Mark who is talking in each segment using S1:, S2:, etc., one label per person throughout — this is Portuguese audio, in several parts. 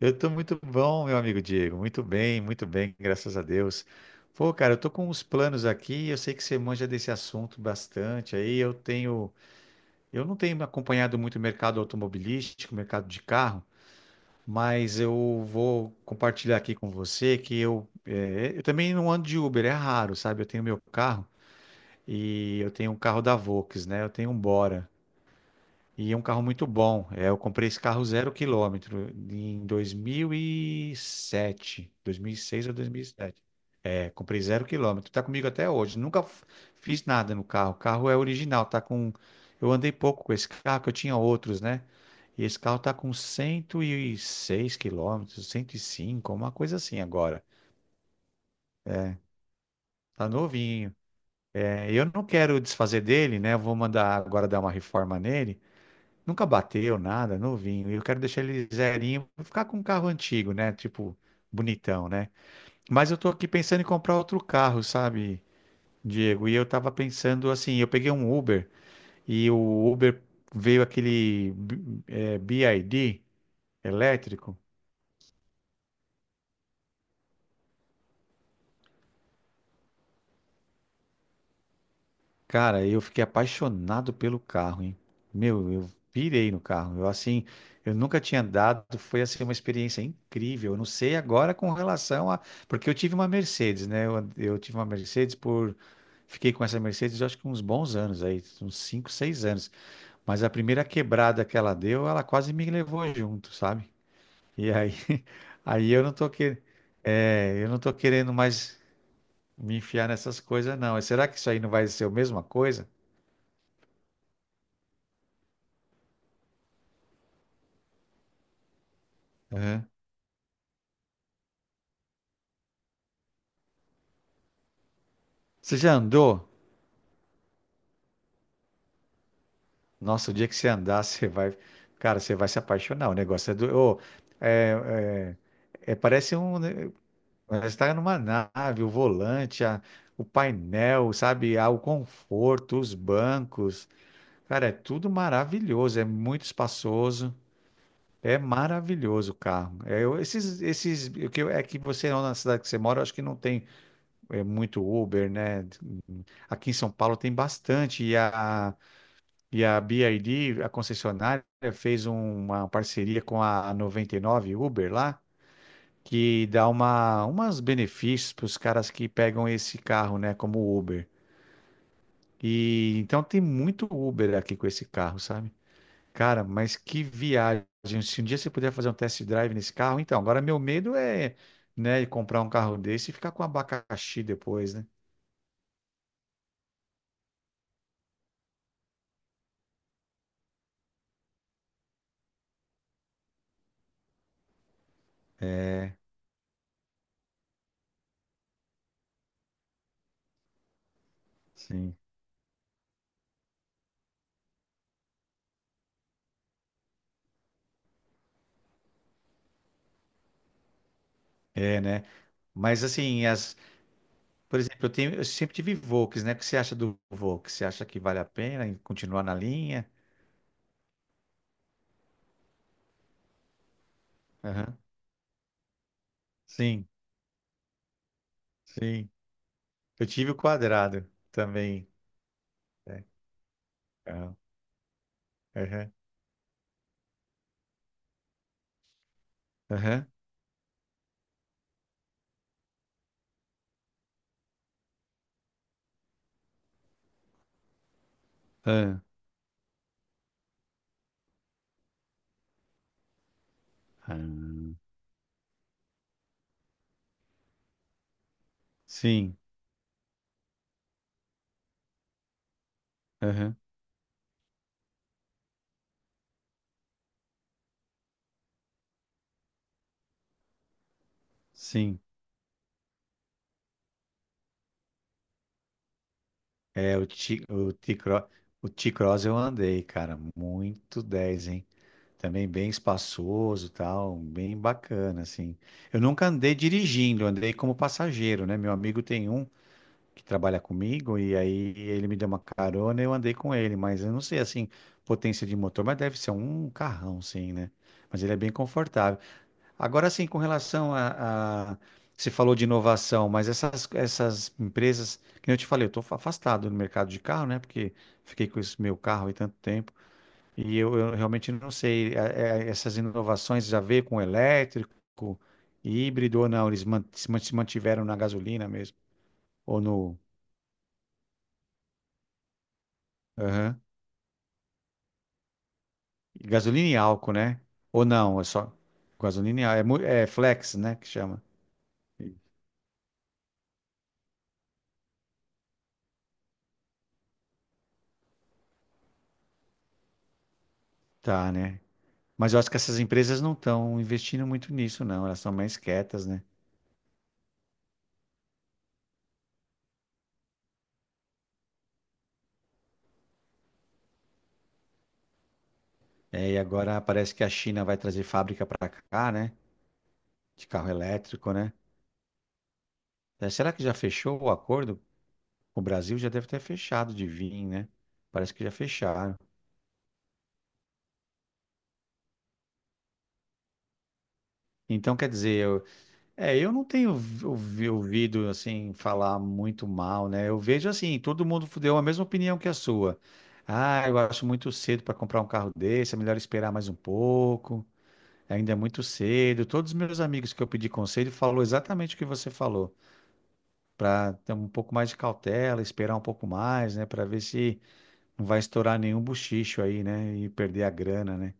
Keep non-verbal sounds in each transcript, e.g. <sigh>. S1: Eu tô muito bom, meu amigo Diego. Muito bem, graças a Deus. Pô, cara, eu tô com uns planos aqui. Eu sei que você manja desse assunto bastante. Eu não tenho acompanhado muito o mercado automobilístico, o mercado de carro, mas eu vou compartilhar aqui com você que eu também não ando de Uber, é raro, sabe? Eu tenho meu carro e eu tenho um carro da Volks, né? Eu tenho um Bora. E é um carro muito bom. Eu comprei esse carro zero quilômetro em 2007, 2006 ou 2007. É, comprei zero quilômetro. Tá comigo até hoje. Nunca f- Fiz nada no carro. O carro é original. Tá com. Eu andei pouco com esse carro, que eu tinha outros, né? E esse carro tá com 106 quilômetros, 105, uma coisa assim agora. Tá novinho. É, eu não quero desfazer dele, né? Eu vou mandar agora dar uma reforma nele. Nunca bateu nada, novinho. E eu quero deixar ele zerinho, vou ficar com um carro antigo, né? Tipo, bonitão, né? Mas eu tô aqui pensando em comprar outro carro, sabe, Diego? E eu tava pensando assim, eu peguei um Uber e o Uber veio aquele BID elétrico. Cara, eu fiquei apaixonado pelo carro, hein? Meu, eu pirei no carro. Eu assim, eu nunca tinha andado, foi assim uma experiência incrível. Eu não sei agora com relação a, porque eu tive uma Mercedes, né? Eu tive uma Mercedes por fiquei com essa Mercedes, eu acho que uns bons anos aí, uns 5, 6 anos. Mas a primeira quebrada que ela deu, ela quase me levou junto, sabe? E aí, <laughs> aí eu não tô que... eu não tô querendo mais me enfiar nessas coisas, não. Será que isso aí não vai ser a mesma coisa? Você já andou? Nossa, o dia que você andar, <laughs> você vai. Cara, você vai se apaixonar. O negócio é do. Ô, é, é- é- Parece um. Né, você está numa nave, o painel, sabe? Ah, o conforto, os bancos. Cara, é tudo maravilhoso. É muito espaçoso. É maravilhoso o carro. É, eu- esses, esses, o que eu- é que você, na cidade que você mora, eu acho que não tem muito Uber, né? Aqui em São Paulo tem bastante. E a BYD, a concessionária, fez uma parceria com a 99 Uber lá, que dá umas benefícios para os caras que pegam esse carro, né, como Uber. E então tem muito Uber aqui com esse carro, sabe? Cara, mas que viagem. Se um dia você puder fazer um test drive nesse carro, então, agora meu medo é, né, comprar um carro desse e ficar com abacaxi depois, né? É, sim. É, né? Mas assim, as por exemplo, eu tenho, eu sempre tive Volks, né? O que você acha do Volks? Você acha que vale a pena em continuar na linha? Aham. Sim, sim. Eu tive o quadrado também. É. Aham. Aham. Aham. Aham. Aham. Sim. Aham. Sim. É, o T, o T-Cross eu andei, cara, muito 10, hein? Também bem espaçoso, e tal, bem bacana, assim. Eu nunca andei dirigindo, andei como passageiro, né? Meu amigo tem um que trabalha comigo, e aí ele me deu uma carona e eu andei com ele, mas eu não sei, assim, potência de motor, mas deve ser um carrão, sim, né? Mas ele é bem confortável. Agora, sim, com relação a... Você falou de inovação, mas essas empresas, que nem eu te falei, eu estou afastado do mercado de carro, né? Porque fiquei com esse meu carro aí tanto tempo, e eu realmente não sei, essas inovações já veio com elétrico, híbrido ou não, eles man- se mantiveram na gasolina mesmo, ou no... Gasolina e álcool, né? Ou não, é só gasolina e álcool. É flex, né, que chama. Tá, né? Mas eu acho que essas empresas não estão investindo muito nisso, não. Elas são mais quietas, né? É, e agora parece que a China vai trazer fábrica para cá, né? De carro elétrico, né? É, será que já fechou o acordo? O Brasil já deve ter fechado de vir, né? Parece que já fecharam. Então, quer dizer, eu- É, eu não tenho ouvido assim falar muito mal, né? Eu vejo assim, todo mundo deu a mesma opinião que a sua. Ah, eu acho muito cedo para comprar um carro desse, é melhor esperar mais um pouco. Ainda é muito cedo. Todos os meus amigos que eu pedi conselho falou exatamente o que você falou, para ter um pouco mais de cautela, esperar um pouco mais, né, para ver se não vai estourar nenhum bochicho aí, né, e perder a grana, né?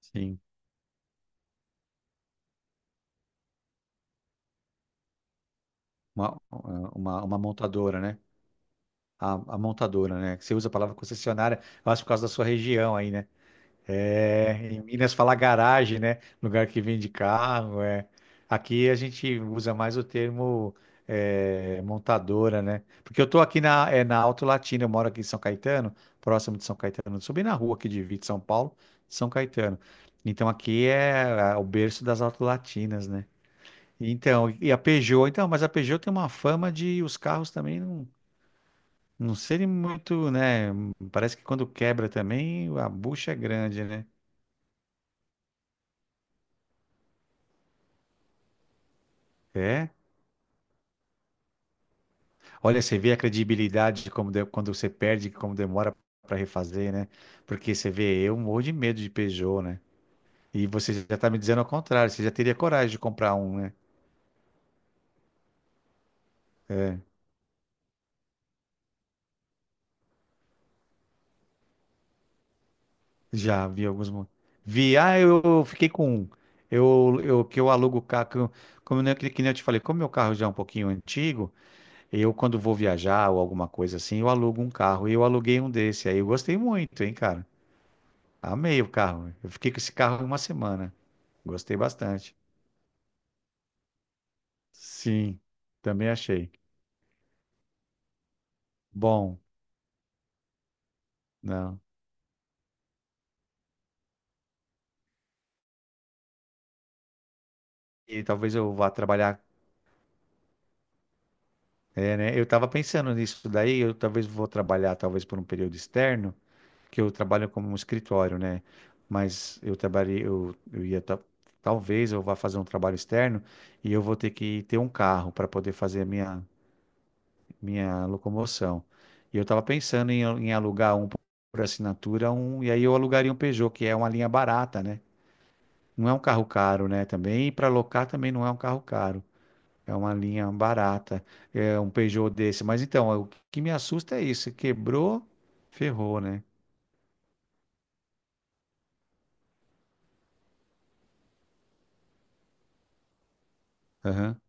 S1: Sim, uma, uma montadora, né? A montadora, né? Você usa a palavra concessionária, eu acho por causa da sua região aí, né? É, em Minas fala garagem, né? Lugar que vende carro, é. Aqui a gente usa mais o termo montadora, né? Porque eu tô aqui na Alto Latino, eu moro aqui em São Caetano, próximo de São Caetano, eu subi na rua aqui de Vito, São Paulo, de São Caetano. Então aqui é o berço das Alto Latinas, né? Então, e a Peugeot, então, mas a Peugeot tem uma fama de os carros também não. Não seria muito, né? Parece que quando quebra também, a bucha é grande, né? É. Olha, você vê a credibilidade de quando você perde, como demora para refazer, né? Porque você vê, eu morro de medo de Peugeot, né? E você já tá me dizendo ao contrário, você já teria coragem de comprar um, né? Já vi alguns. Vi, ah, eu fiquei com um. Eu alugo o carro, como eu, que nem eu te falei, como meu carro já é um pouquinho antigo. Eu, quando vou viajar ou alguma coisa assim, eu alugo um carro. E eu aluguei um desse. Aí eu gostei muito, hein, cara? Amei o carro. Eu fiquei com esse carro uma semana. Gostei bastante. Sim, também achei. Bom, não. E talvez eu vá trabalhar. É, né? Eu estava pensando nisso daí. Eu talvez vou trabalhar, talvez por um período externo, que eu trabalho como um escritório, né? Mas eu trabalhei, talvez eu vá fazer um trabalho externo e eu vou ter que ter um carro para poder fazer a minha. Minha locomoção. E eu estava pensando em, em alugar um por assinatura, um, e aí eu alugaria um Peugeot, que é uma linha barata, né? Não é um carro caro, né? Também, e para alocar também não é um carro caro. É uma linha barata, é um Peugeot desse. Mas então, o que me assusta é isso. Quebrou, ferrou, né? Aham.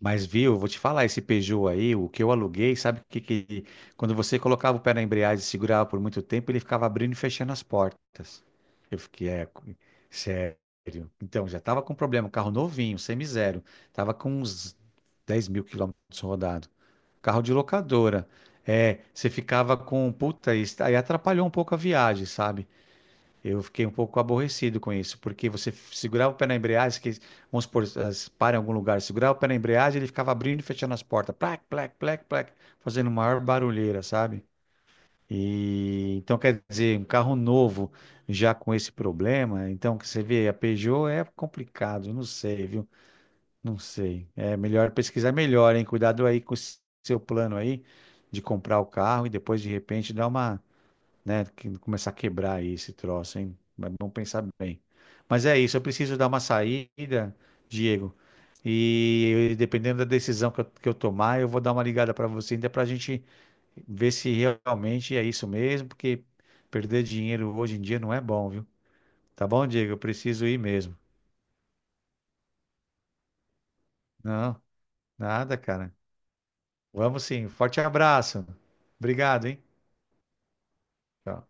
S1: Mas viu, vou te falar, esse Peugeot aí, o que eu aluguei, sabe o que que... Quando você colocava o pé na embreagem e segurava por muito tempo, ele ficava abrindo e fechando as portas. Eu fiquei, é, co- Sério. Então, já tava com problema, carro novinho, semi-zero. Tava com uns 10.000 quilômetros rodado. Carro de locadora. É, você ficava com, puta, isso aí atrapalhou um pouco a viagem, sabe? Eu fiquei um pouco aborrecido com isso, porque você segurava o pé na embreagem, que, vamos supor, as para em algum lugar, segurava o pé na embreagem, ele ficava abrindo e fechando as portas, plac, plac, plac, plac, fazendo maior barulheira, sabe? E então quer dizer, um carro novo já com esse problema, então que você vê, a Peugeot é complicado, não sei, viu? Não sei. É melhor pesquisar melhor, hein? Cuidado aí com o seu plano aí de comprar o carro e depois de repente dar uma né? Que começar a quebrar aí esse troço, hein? Mas vamos pensar bem. Mas é isso, eu preciso dar uma saída, Diego. E dependendo da decisão que eu tomar, eu vou dar uma ligada para você ainda para a gente ver se realmente é isso mesmo, porque perder dinheiro hoje em dia não é bom, viu? Tá bom, Diego? Eu preciso ir mesmo. Não, nada, cara. Vamos sim. Forte abraço. Obrigado, hein? Tchau.